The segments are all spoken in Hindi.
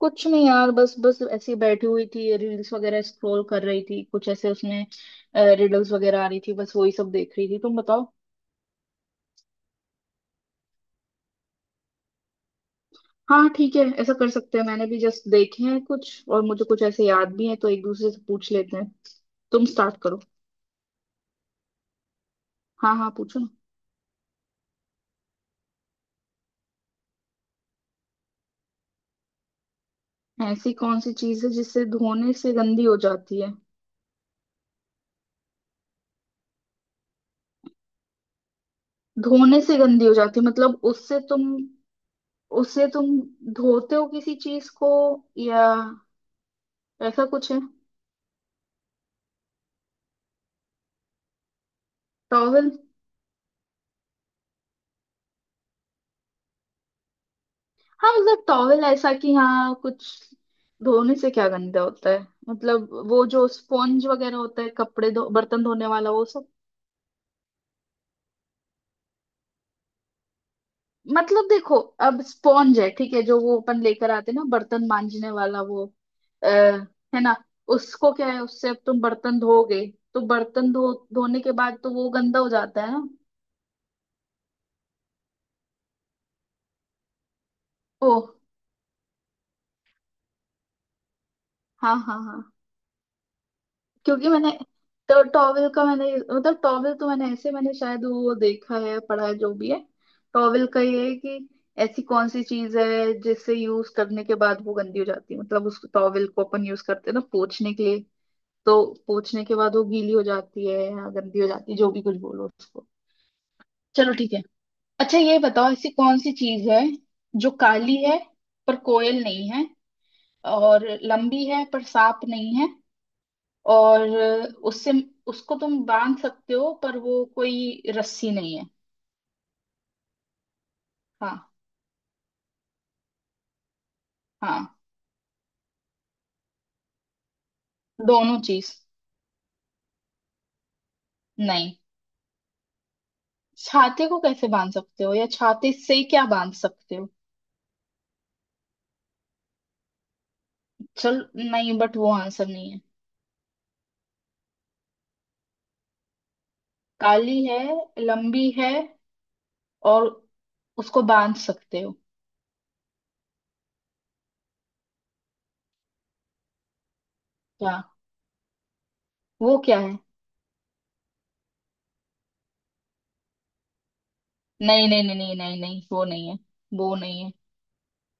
कुछ नहीं यार, बस बस ऐसी बैठी हुई थी। रील्स वगैरह स्क्रॉल कर रही थी, कुछ ऐसे उसमें रिडल्स वगैरह आ रही थी, बस वही सब देख रही थी। तुम बताओ। हाँ ठीक है, ऐसा कर सकते हैं। मैंने भी जस्ट देखे हैं कुछ, और मुझे कुछ ऐसे याद भी है, तो एक दूसरे से पूछ लेते हैं। तुम स्टार्ट करो। हाँ हाँ, पूछो। ना, ऐसी कौन सी चीज है जिससे धोने से गंदी हो जाती है? धोने से गंदी हो जाती है मतलब उससे तुम, उससे तुम धोते हो किसी चीज को, या ऐसा कुछ है? टॉवल। हाँ मतलब टॉवेल ऐसा कि हाँ कुछ धोने से क्या गंदा होता है। मतलब वो जो स्पॉन्ज वगैरह होता है, कपड़े धो, बर्तन धोने वाला वो सब। मतलब देखो, अब स्पॉन्ज है ठीक है जो, वो अपन लेकर आते हैं ना, बर्तन मांजने वाला वो। आ, है ना। उसको क्या है, उससे अब तुम बर्तन धोगे, तो बर्तन धो धोने के बाद तो वो गंदा हो जाता है ना। ओ। हाँ हाँ हाँ। क्योंकि मैंने तो टॉवेल का मैंने मतलब टॉवेल तो मैंने शायद वो देखा है, पढ़ा है, जो भी है। टॉवेल का ये है कि ऐसी कौन सी चीज है जिससे यूज करने के बाद वो गंदी हो जाती है? मतलब उस टॉवेल को अपन यूज करते हैं ना पोंछने के लिए, तो पोंछने के बाद वो गीली हो जाती है या गंदी हो जाती है, जो भी कुछ बोलो उसको। चलो ठीक है। अच्छा ये बताओ, ऐसी कौन सी चीज है जो काली है पर कोयल नहीं है, और लंबी है पर सांप नहीं है, और उससे, उसको तुम बांध सकते हो पर वो कोई रस्सी नहीं है। हाँ। हाँ। दोनों चीज। नहीं। छाते को कैसे बांध सकते हो, या छाते से क्या बांध सकते हो? चल नहीं, बट वो आंसर नहीं है। काली है, लंबी है, और उसको बांध सकते हो। क्या? वो क्या है? नहीं नहीं नहीं नहीं नहीं नहीं, वो नहीं है। वो नहीं है।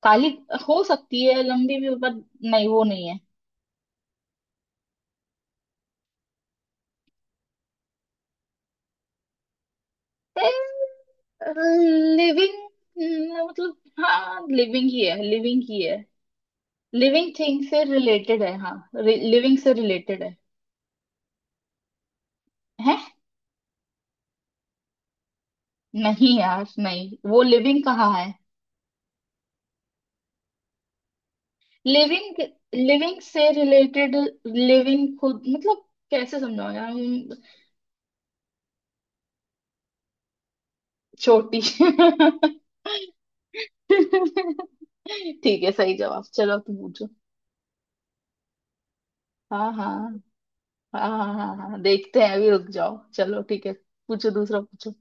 काली हो सकती है, लंबी भी, बट नहीं, वो नहीं है। लिविंग मतलब, हाँ लिविंग ही है, लिविंग ही है। लिविंग थिंग से रिलेटेड है, हाँ। लिविंग से रिलेटेड है। है। नहीं यार, नहीं वो लिविंग कहाँ है। लिविंग लिविंग से रिलेटेड। लिविंग खुद मतलब, कैसे समझाओ यार। छोटी ठीक है, सही जवाब। चलो तुम पूछो। हाँ हाँ हाँ हाँ। हाँ हाँ देखते हैं, अभी रुक जाओ। चलो ठीक है, पूछो। दूसरा पूछो।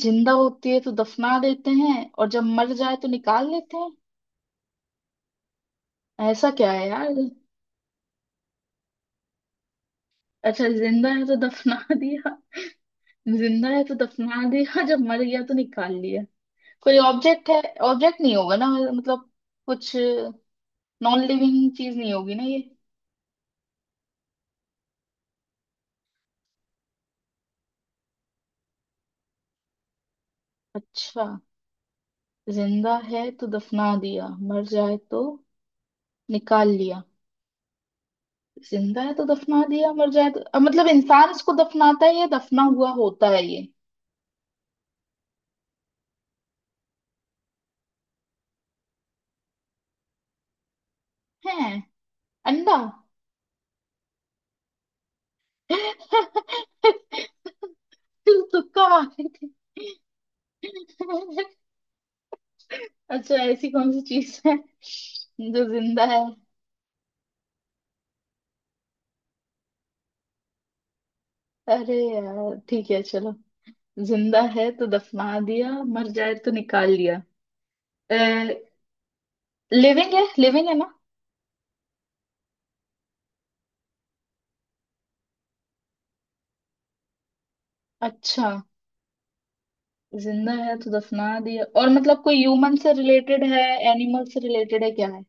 जिंदा होती है तो दफना देते हैं, और जब मर जाए तो निकाल लेते हैं। ऐसा क्या है यार। अच्छा, जिंदा है तो दफना दिया। जिंदा है तो दफना दिया, जब मर गया तो निकाल लिया। कोई ऑब्जेक्ट है? ऑब्जेक्ट नहीं होगा ना मतलब, कुछ, नॉन लिविंग चीज नहीं होगी ना ये। अच्छा। जिंदा है तो दफना दिया, मर जाए तो निकाल लिया। जिंदा है तो दफना दिया, मर जाए तो, मतलब इंसान इसको दफनाता है, या दफना हुआ होता है ये? है। अंडा। तू। तुक्का मार रही थी। अच्छा, ऐसी कौन सी चीज है जो जिंदा है। अरे यार ठीक है चलो। जिंदा है तो दफना दिया, मर जाए तो निकाल लिया। लिविंग है, लिविंग है ना। अच्छा, जिंदा है तो दफना दिया, और मतलब कोई ह्यूमन से रिलेटेड है, एनिमल से रिलेटेड है, क्या है?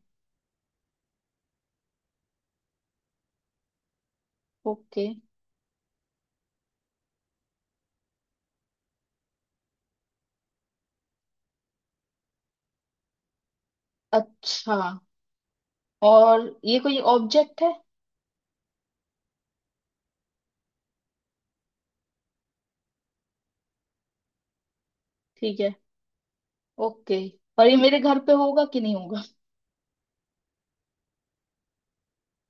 ओके। अच्छा, और ये कोई ऑब्जेक्ट है? ठीक है, ओके। और ये मेरे घर पे होगा कि नहीं होगा?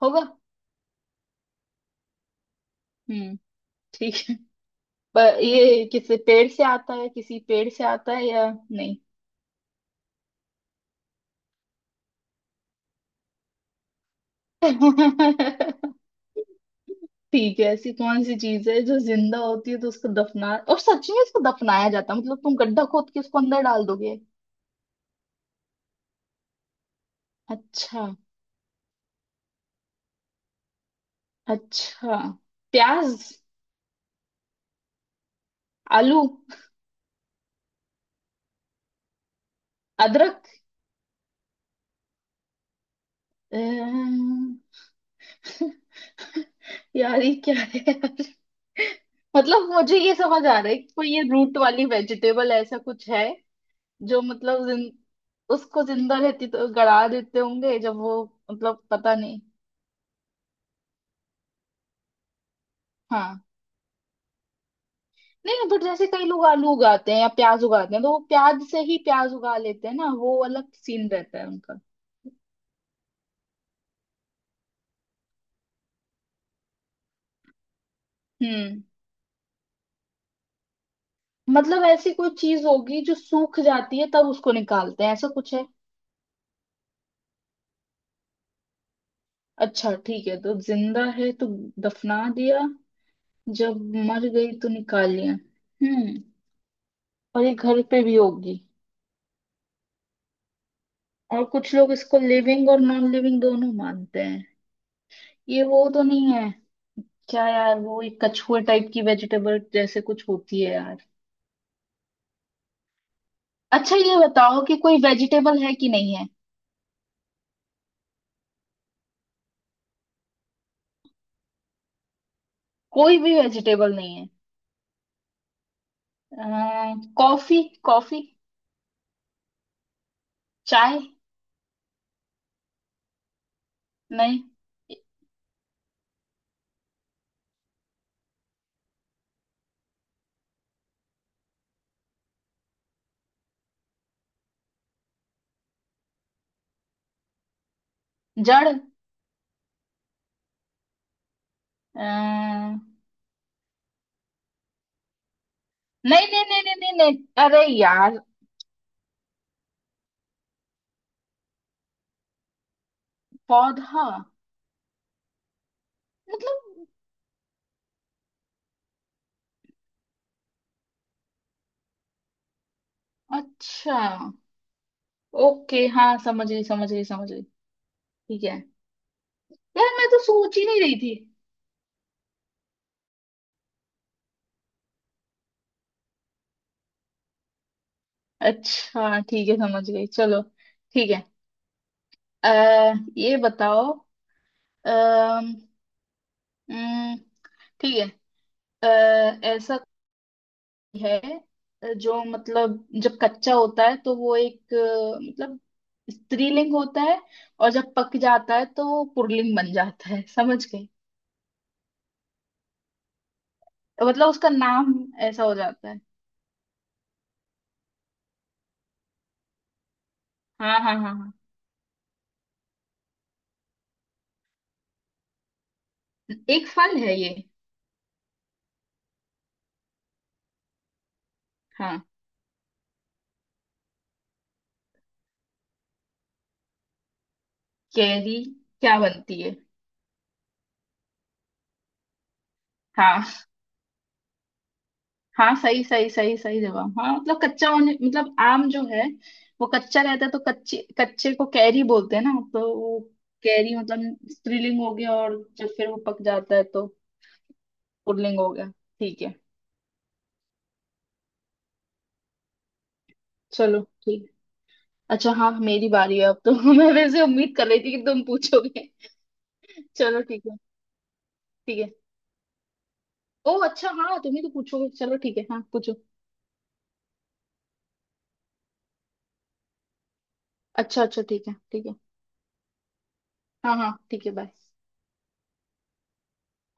होगा। हम्म। ठीक है। पर ये किसी पेड़ से आता है, किसी पेड़ से आता है या नहीं? ठीक है, ऐसी कौन सी चीज है जो जिंदा होती है तो उसको दफना, और सच में उसको दफनाया जाता है मतलब तुम गड्ढा खोद के उसको अंदर डाल दोगे। अच्छा। अच्छा। प्याज। आलू। अदरक। अम्म, यार ये क्या है यार मतलब मुझे ये समझ आ रहा है कि कोई ये रूट वाली वेजिटेबल ऐसा कुछ है, जो मतलब जिन, उसको जिंदा रहती तो गड़ा देते होंगे, जब वो मतलब पता नहीं। हाँ नहीं, बट जैसे कई लोग आलू उगाते हैं या प्याज उगाते हैं, तो वो प्याज से ही प्याज उगा लेते हैं ना, वो अलग सीन रहता है उनका। हम्म। मतलब ऐसी कोई चीज होगी जो सूख जाती है तब उसको निकालते हैं, ऐसा कुछ है? अच्छा ठीक है, तो जिंदा है तो दफना दिया, जब मर गई तो निकाल लिया। हम्म। और ये घर पे भी होगी। और कुछ लोग इसको लिविंग और नॉन लिविंग दोनों मानते हैं। ये वो तो नहीं है, क्या यार, वो एक कछुए टाइप की वेजिटेबल जैसे कुछ होती है यार। अच्छा ये बताओ कि कोई वेजिटेबल है कि नहीं है? कोई भी वेजिटेबल नहीं है। Coffee coffee. चाय। नहीं। जड़ अ, नहीं। नहीं नहीं नहीं नहीं नहीं। अरे यार। पौधा? मतलब। अच्छा। ओके हाँ, समझ गई समझ गई समझ गई। ठीक है। यार मैं तो सोच ही नहीं रही थी। अच्छा ठीक है, समझ गई, चलो। ठीक है। अ, ये बताओ, अम, उम, ठीक है। अ, ऐसा कोई है जो मतलब, जब कच्चा होता है तो वो एक, मतलब स्त्रीलिंग होता है, और जब पक जाता है तो वो पुल्लिंग बन जाता है। समझ गई? तो मतलब उसका नाम ऐसा हो जाता है। हाँ हाँ हाँ हाँ। एक फल है ये। हाँ। कैरी। क्या बनती है? हाँ हाँ, सही सही सही सही जवाब। हाँ, मतलब कच्चा होने मतलब आम जो है, वो कच्चा रहता है तो कच्चे कच्चे को कैरी बोलते हैं ना, तो वो कैरी मतलब स्त्रीलिंग हो गया, और जब फिर वो पक जाता है तो पुल्लिंग हो गया। ठीक है। चलो ठीक। अच्छा हाँ मेरी बारी है अब तो मैं वैसे उम्मीद कर रही थी कि तुम पूछोगे। चलो ठीक है। ठीक है। ओ अच्छा हाँ, तुम ही तो पूछोगे। चलो ठीक है, हाँ पूछो। अच्छा अच्छा ठीक है, ठीक है। हाँ हाँ ठीक है, बाय।